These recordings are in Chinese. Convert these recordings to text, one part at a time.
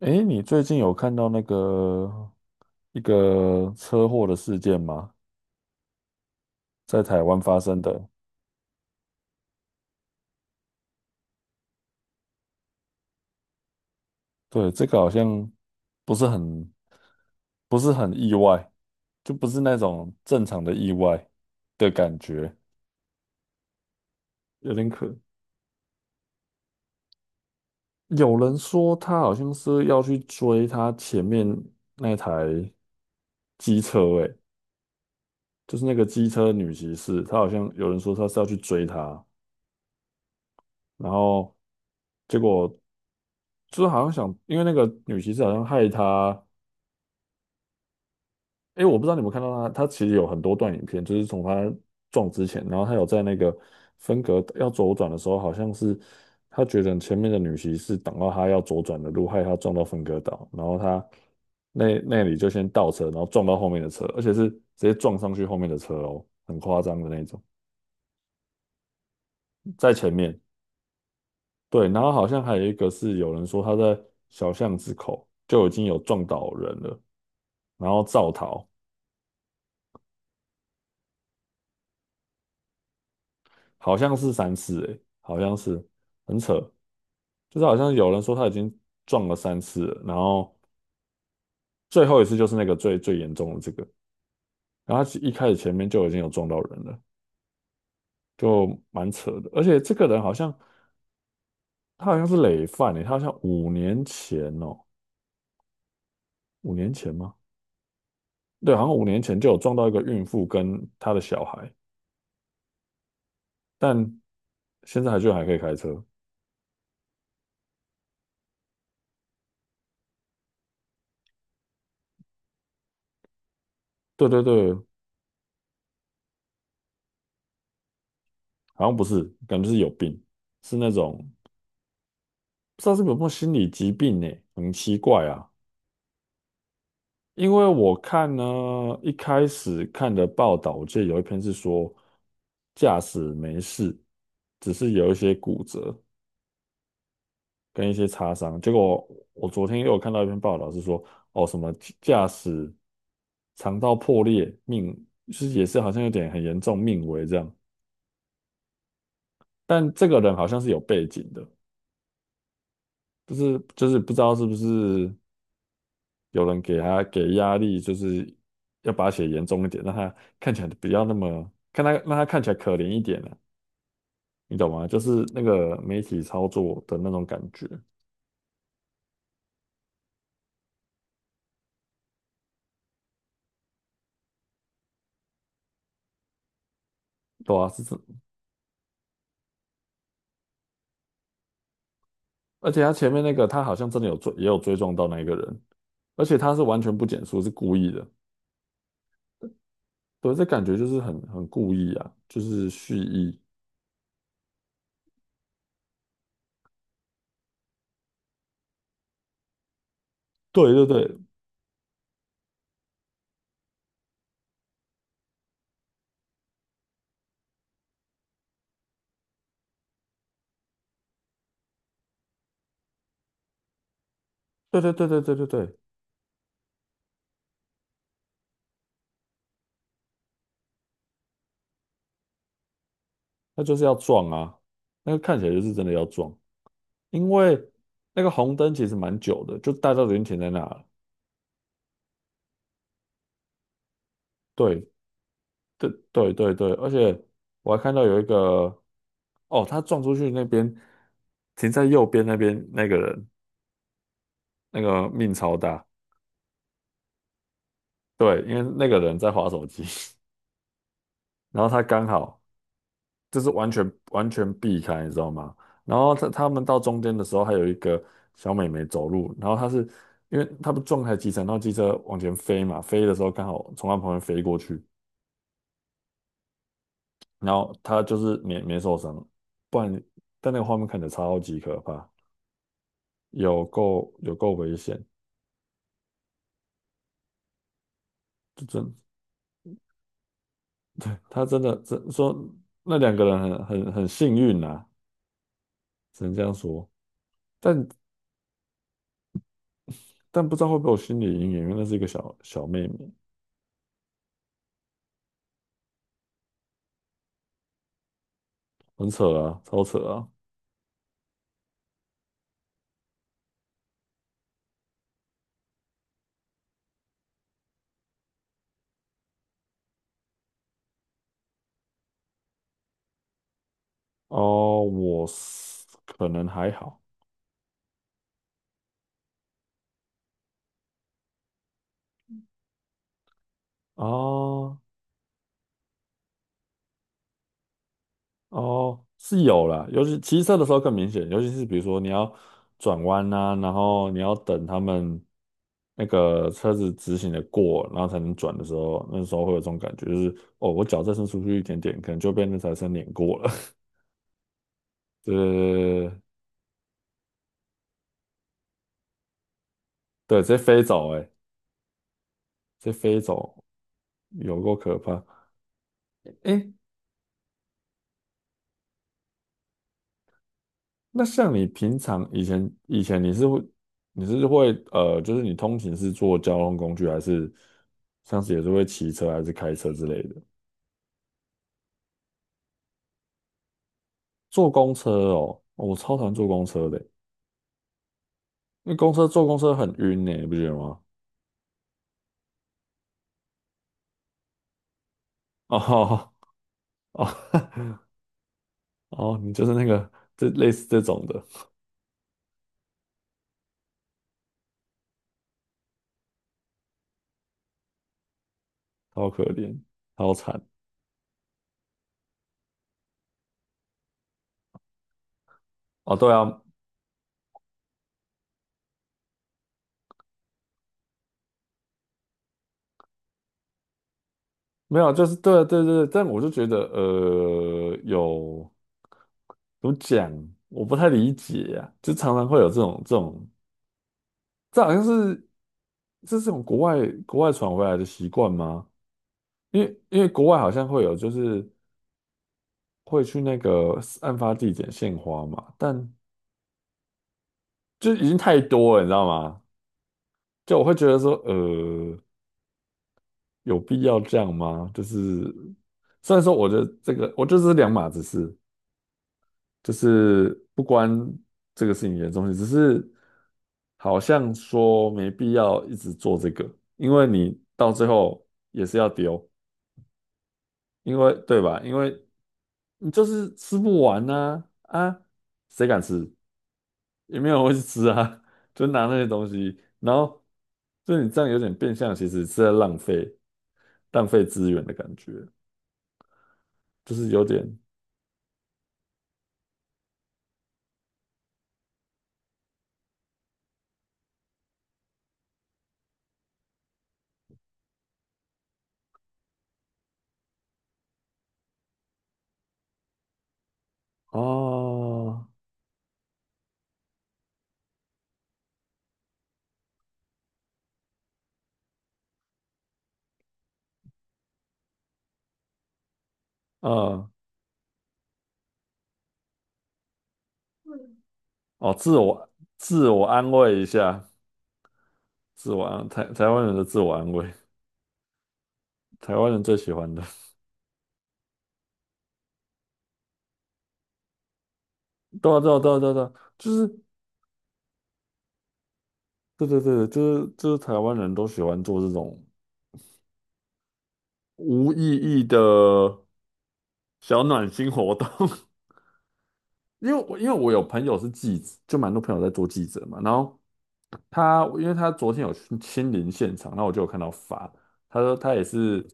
诶，你最近有看到一个车祸的事件吗？在台湾发生的。对，这个好像不是很不是很意外，就不是那种正常的意外的感觉，有点可。有人说他好像是要去追他前面那台机车。诶，就是那个机车女骑士，她好像有人说她是要去追他，然后结果。就是好像想，因为那个女骑士好像害他。诶，我不知道你们看到他，他其实有很多段影片，就是从他撞之前，然后他有在那个分隔要左转的时候，好像是他觉得前面的女骑士挡到他要左转的路，害他撞到分隔岛，然后他那里就先倒车，然后撞到后面的车，而且是直接撞上去后面的车哦，很夸张的那种，在前面。对，然后好像还有一个是有人说他在小巷子口就已经有撞倒人了，然后造逃。好像是三次诶，好像是很扯。就是好像有人说他已经撞了三次了，然后最后一次就是那个最严重的这个。然后他一开始前面就已经有撞到人了，就蛮扯的。而且这个人好像他好像是累犯诶，他好像五年前哦，五年前吗？对，好像五年前就有撞到一个孕妇跟她的小孩，但现在还居然还可以开车。对对对，好像不是，感觉是有病，是那种。不知道是不是有心理疾病呢、很奇怪啊。因为我看呢，一开始看的报道，我记得有一篇是说驾驶没事，只是有一些骨折跟一些擦伤。结果我昨天又有看到一篇报道是说，哦，什么驾驶肠道破裂，命就是也是好像有点很严重，命危这样。但这个人好像是有背景的，就是不知道是不是。有人给他给压力，就是要把他写严重一点，让他看起来不要那么，看他让他看起来可怜一点啊，你懂吗？就是那个媒体操作的那种感觉。对啊，是这。而且他前面那个他好像真的有追，也有追撞到那一个人，而且他是完全不减速，是故意的。对，这感觉就是很故意啊，就是蓄意。对对对对对对对对对对，他就是要撞啊，那个看起来就是真的要撞。因为那个红灯其实蛮久的，就大家都已经停在那了。对，对，对，对，对，而且我还看到有一个，哦，他撞出去那边，停在右边那边那个人，那个命超大。对，因为那个人在划手机，然后他刚好就是完全避开，你知道吗？然后他们到中间的时候，还有一个小美眉走路，然后她是因为他不撞开机车，然后机车往前飞嘛，飞的时候刚好从他旁边飞过去，然后他就是没受伤，不然但那个画面看着超级可怕，有够危险。就真他真的真说那两个人很幸运呐、只能这样说。但但不知道会不会有心理阴影，因为那是一个小小妹妹。很扯啊，超扯啊。哦，我是可能还好啊。哦哦，是有啦，尤其骑车的时候更明显，尤其是比如说你要转弯呐，然后你要等他们那个车子直行的过，然后才能转的时候，那时候会有这种感觉，就是哦，我脚再伸出去一点点，可能就被那台车碾过了。对对对对对，对直接飞走、欸，哎，直接飞走，有够可怕。哎、那像你平常以前你是会就是你通勤是坐交通工具，还是像是也是会骑车还是开车之类的？坐公车哦，哦我超讨厌坐公车的，因为公车很晕呢，你不觉得吗？哦哦 哦，你就是那个这类似这种的。超可怜，超惨哦。对啊，没有啊，就是对啊对对对，但我就觉得有怎么讲，我不太理解呀、就常常会有这种。这好像是这是从国外传回来的习惯吗？因为国外好像会有，就是会去那个案发地点献花嘛，但就已经太多了，你知道吗？就我会觉得说，有必要这样吗？就是虽然说我觉得这个，我就是两码子事，就是不关这个事情严重性，只是好像说没必要一直做这个，因为你到最后也是要丢。因为对吧？因为你就是吃不完呐啊，啊谁敢吃？也没有人会去吃啊，就拿那些东西，然后就你这样有点变相，其实是在浪费资源的感觉，就是有点哦。嗯，哦，自我安慰一下，自我台湾人的自我安慰，台湾人最喜欢的。对啊对啊对啊对啊，对啊就是对对对，就是台湾人都喜欢做这种无意义的小暖心活动。因为我有朋友是记者，就蛮多朋友在做记者嘛。然后他因为他昨天有去亲临现场，然后我就有看到发，他说他也是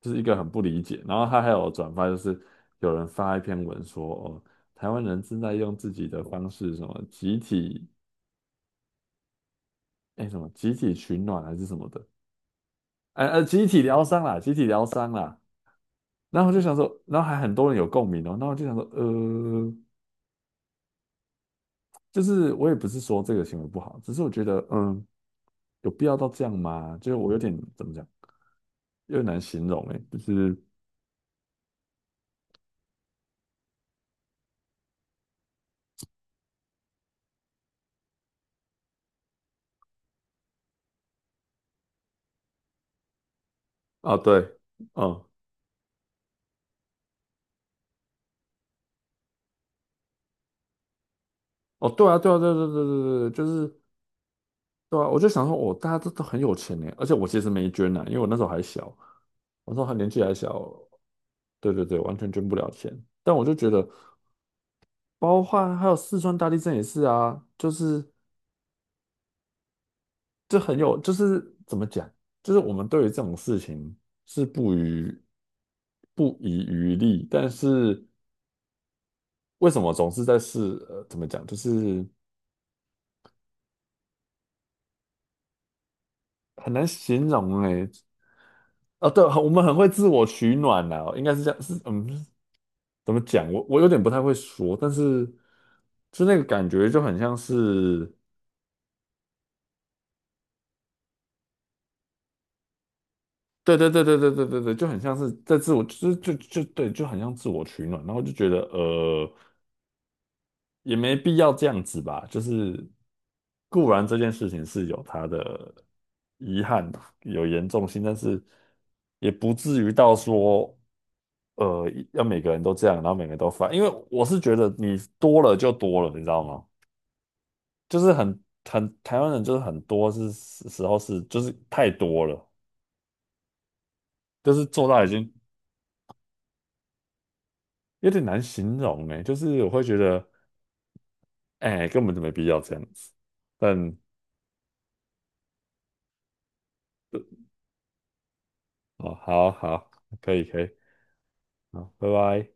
就是一个很不理解，然后他还有转发，就是有人发一篇文说哦，台湾人正在用自己的方式什么集体什么集体取暖还是什么的，集体疗伤啦，集体疗伤啦。然后我就想说，然后还很多人有共鸣哦，然后我就想说，就是我也不是说这个行为不好，只是我觉得，嗯，有必要到这样吗？就是我有点怎么讲，有点难形容诶，就是啊，对，嗯，哦，对啊，对啊，对啊对啊对啊对啊对啊，就是对啊，我就想说，哦，大家都都很有钱诶，而且我其实没捐呐，因为我那时候还小，我那时候还年纪还小。对对对，完全捐不了钱。但我就觉得，包括还有四川大地震也是啊，就是。这很有，就是怎么讲，就是我们对于这种事情是不遗余力，但是为什么总是在试？怎么讲，就是很难形容哎、欸啊，对，我们很会自我取暖呐、应该是这样，是嗯，怎么讲？我有点不太会说，但是就那个感觉就很像是，对对对对对对对对，就很像是在自我，就是就对，就很像自我取暖，然后就觉得呃。也没必要这样子吧。就是固然这件事情是有它的遗憾，有严重性，但是也不至于到说，要每个人都这样，然后每个人都发。因为我是觉得你多了就多了，你知道吗？就是很台湾人就是很多是时候是就是太多了，就是做到已经有点难形容呢。就是我会觉得，哎、根本就没必要这样子。但哦，好好，可以可以。好，拜拜。